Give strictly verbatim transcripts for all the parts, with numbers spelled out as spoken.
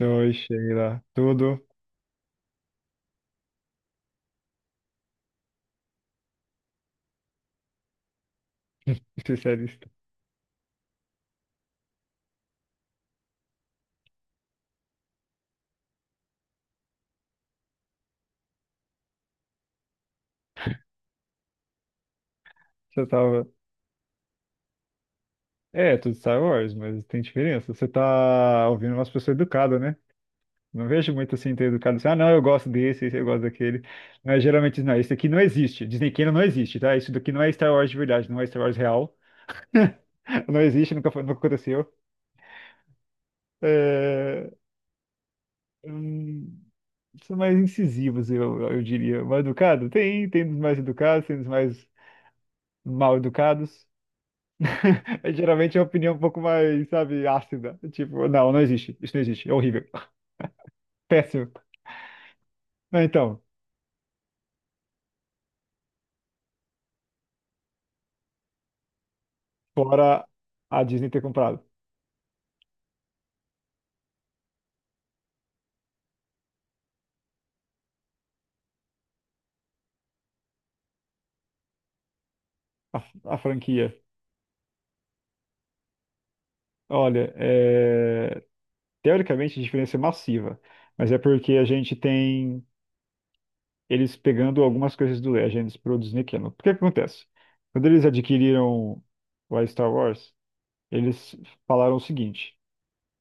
Oi, Sheila. Tudo? Especialista. Você tava. É, tudo Star Wars, mas tem diferença. Você tá ouvindo umas pessoas educadas, né? Não vejo muito assim ter educado assim, ah, não, eu gosto desse, esse eu gosto daquele. Mas geralmente, não, esse aqui não existe. Disney Canon não existe, tá? Isso daqui não é Star Wars de verdade, não é Star Wars real. Não existe, nunca foi, nunca aconteceu. É... hum, são mais incisivos, eu, eu diria. Mais educado? Tem, tem dos mais educados, tem dos mais mal educados. É, geralmente é uma opinião um pouco mais, sabe, ácida. Tipo, não, não existe. Isso não existe. É horrível. Péssimo. Mas então, fora a Disney ter comprado a, a franquia. Olha, é, teoricamente a diferença é massiva. Mas é porque a gente tem eles pegando algumas coisas do Legends pro Disney Channel. Porque que que acontece? Quando eles adquiriram o Star Wars, eles falaram o seguinte.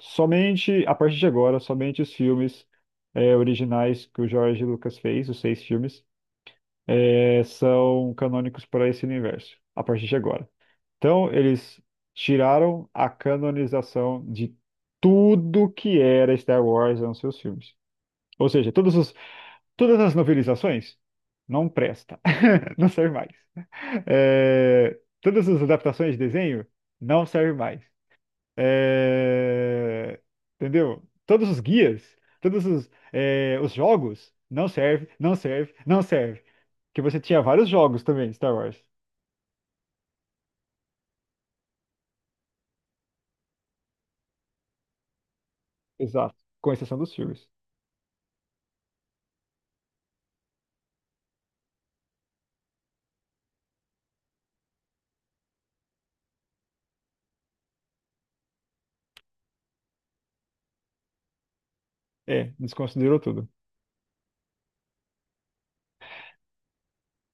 Somente, a partir de agora, somente os filmes é, originais que o George Lucas fez, os seis filmes, é, são canônicos para esse universo, a partir de agora. Então, eles tiraram a canonização de tudo que era Star Wars nos seus filmes. Ou seja, todos os, todas as novelizações não presta, não serve mais. É, todas as adaptações de desenho não serve mais. É, entendeu? Todos os guias, todos os, é, os jogos, não serve, não serve, não serve. Porque você tinha vários jogos também, Star Wars. Exato. Com exceção dos filmes. É, desconsiderou tudo.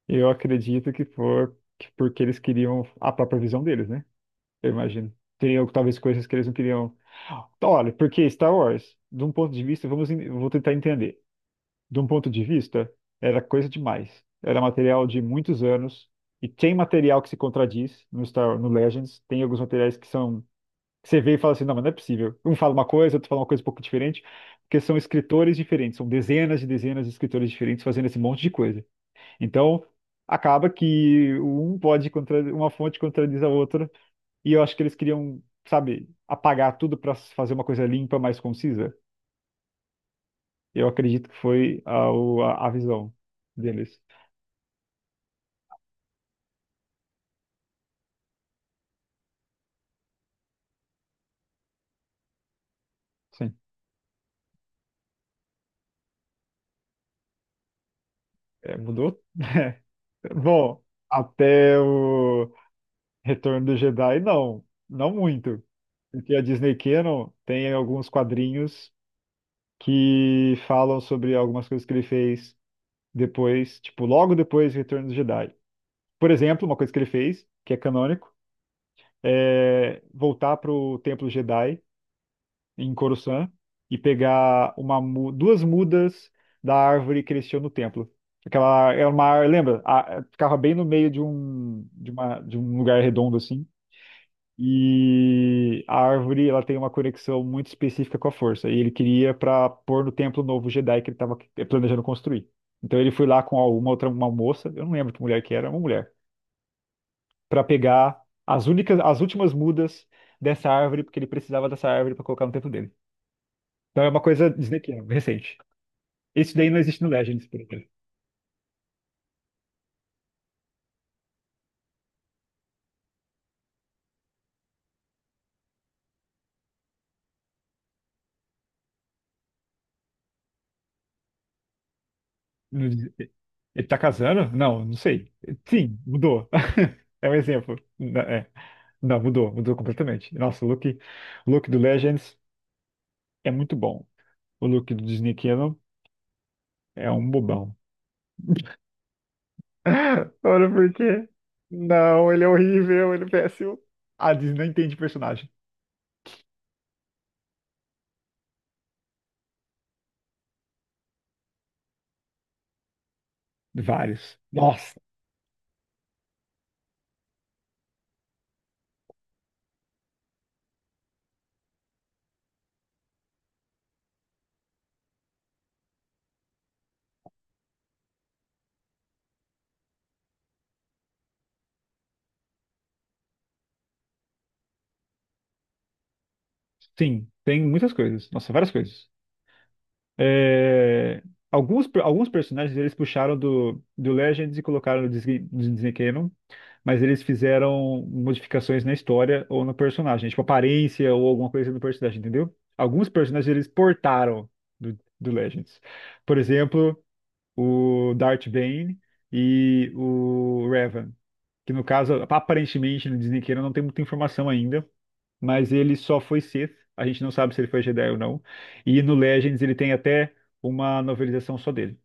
Eu acredito que for que- porque eles queriam a própria visão deles, né? Eu imagino. Teriam talvez coisas que eles não queriam. Olha, porque Star Wars, de um ponto de vista, vamos, en- eu vou tentar entender. De um ponto de vista, era coisa demais. Era material de muitos anos e tem material que se contradiz no Star, no Legends. Tem alguns materiais que são que você vê e fala assim, não, mas não é possível. Um fala uma coisa, outro fala uma coisa um pouco diferente, porque são escritores diferentes, são dezenas e dezenas de escritores diferentes fazendo esse monte de coisa. Então, acaba que um pode contra... uma fonte contradiz a outra, e eu acho que eles queriam, sabe, apagar tudo para fazer uma coisa limpa, mais concisa. Eu acredito que foi a, o- a a visão deles. Sim, é, mudou. Bom, até o Retorno do Jedi, não, não muito. Porque a Disney Canon tem alguns quadrinhos que falam sobre algumas coisas que ele fez depois, tipo, logo depois do Retorno do Jedi. Por exemplo, uma coisa que ele fez, que é canônico, é voltar pro Templo Jedi em Coruscant e pegar uma, mu- duas mudas da árvore que eles tinham no templo. Aquela é uma, ar- Lembra? A- ficava bem no meio de um de uma de um lugar redondo assim. E a árvore, ela tem uma conexão muito específica com a força. E ele queria para pôr no templo novo Jedi que ele estava planejando construir. Então ele foi lá com uma outra uma moça, eu não lembro que mulher que era, uma mulher, para pegar as únicas as últimas mudas dessa árvore, porque ele precisava dessa árvore para colocar no templo dele. Então é uma coisa Disneyiana, recente. Esse daí não existe no Legends, por exemplo. No Dis- Ele tá casando? Não, não sei. Sim, mudou. É um exemplo. Na- é. Não, mudou, mudou completamente. Nossa, o look, o look do Legends é muito bom. O look do Disney Canon é um bobão. Olha por quê. Não, ele é horrível, ele é péssimo. A Disney não entende personagem. Vários. Nossa, sim, tem muitas coisas. Nossa, várias coisas. É, alguns, per- alguns personagens eles puxaram do, do Legends e colocaram no Disney, no Disney Canon, mas eles fizeram modificações na história ou no personagem, tipo aparência ou alguma coisa no personagem, entendeu? Alguns personagens eles portaram do, do Legends. Por exemplo, o Darth Bane e o Revan, que no caso, aparentemente no Disney Canon não tem muita informação ainda, mas ele só foi Sith. A gente não sabe se ele foi Jedi ou não. E no Legends ele tem até uma novelização só dele.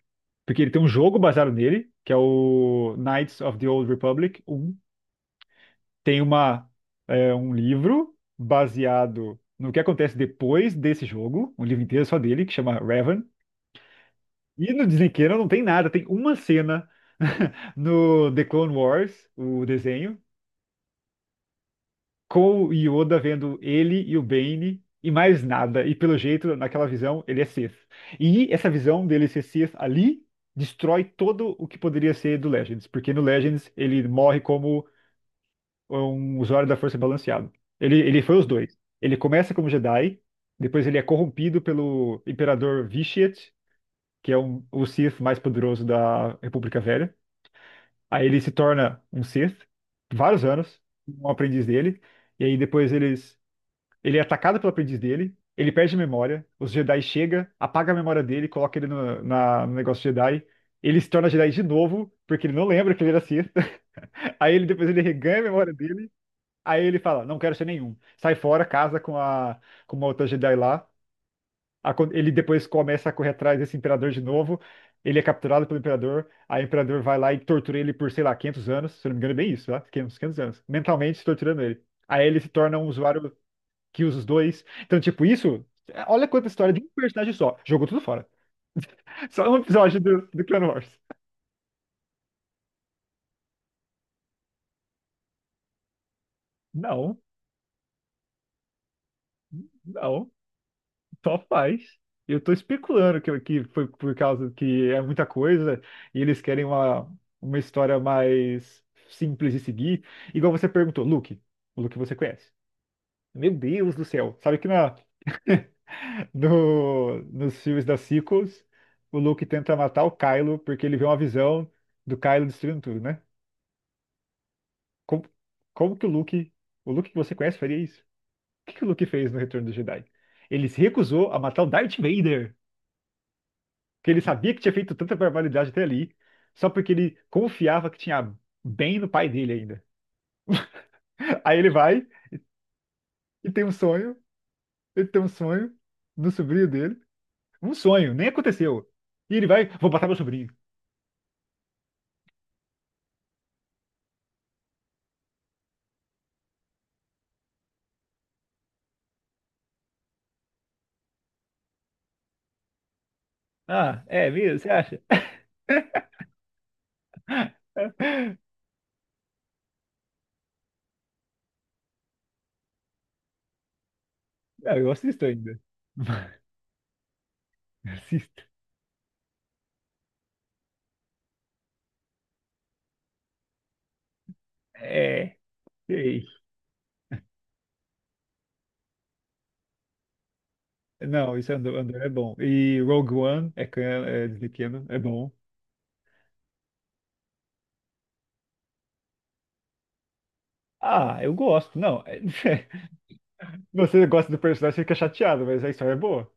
Porque ele tem um jogo baseado nele, que é o Knights of the Old Republic Um. Tem uma, é, um livro baseado no que acontece depois desse jogo, um livro inteiro só dele, que chama Revan. E no Disney Channel não tem nada, tem uma cena no The Clone Wars, o desenho, com o Yoda vendo ele e o Bane e mais nada. E pelo jeito, naquela visão, ele é Sith. E essa visão dele ser Sith ali destrói todo o que poderia ser do Legends, porque no Legends ele morre como um usuário da força balanceado. Ele, ele foi os dois. Ele começa como Jedi, depois ele é corrompido pelo Imperador Vitiate, que é um, o Sith mais poderoso da República Velha. Aí ele se torna um Sith, vários anos, um aprendiz dele. E aí depois eles ele é atacado pelo aprendiz dele, ele perde a memória, os Jedi chega, apaga a memória dele, coloca ele no, na- no negócio Jedi, ele se torna Jedi de novo, porque ele não lembra que ele era Sith. Aí ele depois ele reganha a memória dele, aí ele fala, não quero ser nenhum. Sai fora, casa com a com uma outra Jedi lá. Acon- Ele depois começa a correr atrás desse imperador de novo. Ele é capturado pelo imperador. Aí o imperador vai lá e tortura ele por, sei lá, quinhentos anos. Se eu não me engano, é bem isso, tá? quinhentos 500 anos. Mentalmente torturando ele. Aí ele se torna um usuário que os dois. Então, tipo, isso. Olha quanta história de um personagem só. Jogou tudo fora. Só um episódio do, do Clone Wars. Não, não. Só faz. Eu tô especulando que, que foi por causa que é muita coisa e eles querem uma, uma história mais simples de seguir. Igual você perguntou, Luke. O Luke você conhece. Meu Deus do céu. Sabe que na, no, nos filmes da sequels, o Luke tenta matar o Kylo porque ele vê uma visão do Kylo destruindo tudo, né? Como, como que o Luke, o Luke que você conhece, faria isso? O que que o Luke fez no Retorno do Jedi? Ele se recusou a matar o Darth Vader, que ele sabia que tinha feito tanta barbaridade até ali, só porque ele confiava que tinha bem no pai dele ainda. Aí ele vai e tem um sonho, ele tem um sonho no sobrinho dele, um sonho, nem aconteceu. E ele vai, vou matar meu sobrinho. Ah, é mesmo? Você acha? Não, eu assisto ainda. Assisto. É, é Não, isso é Andor, Andor é bom. E Rogue One é, can- é de pequeno, é bom. Ah, eu gosto. Não, é- você gosta do personagem, fica chateado, mas a história é boa.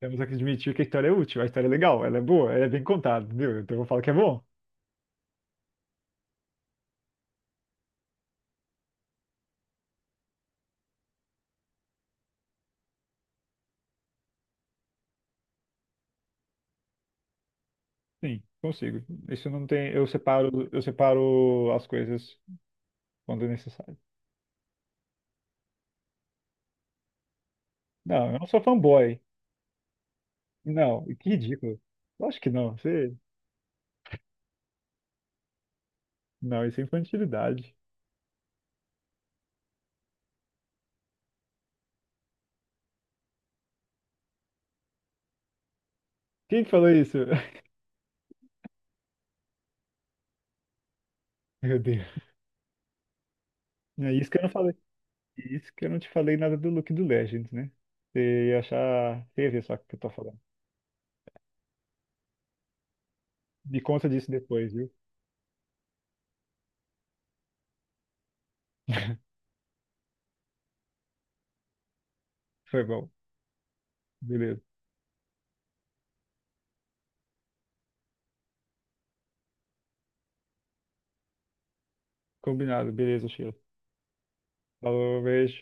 Temos que admitir que a história é útil, a história é legal, ela é boa, ela é bem contada, entendeu? Então eu falo que é bom. Sim, consigo. Isso não tem, eu separo, eu separo as coisas quando necessário. Não, eu não sou fanboy. Não, que ridículo. Eu acho que não. Você, não, isso é infantilidade. Quem que falou isso? Meu Deus. É isso que eu não falei. E isso que eu não te falei nada do look do Legends, né? Você ia achar. Você ia ver só o que eu tô falando. Me conta disso depois, viu? Foi bom. Beleza. Combinado. Beleza, Sheila. Falou, beijo.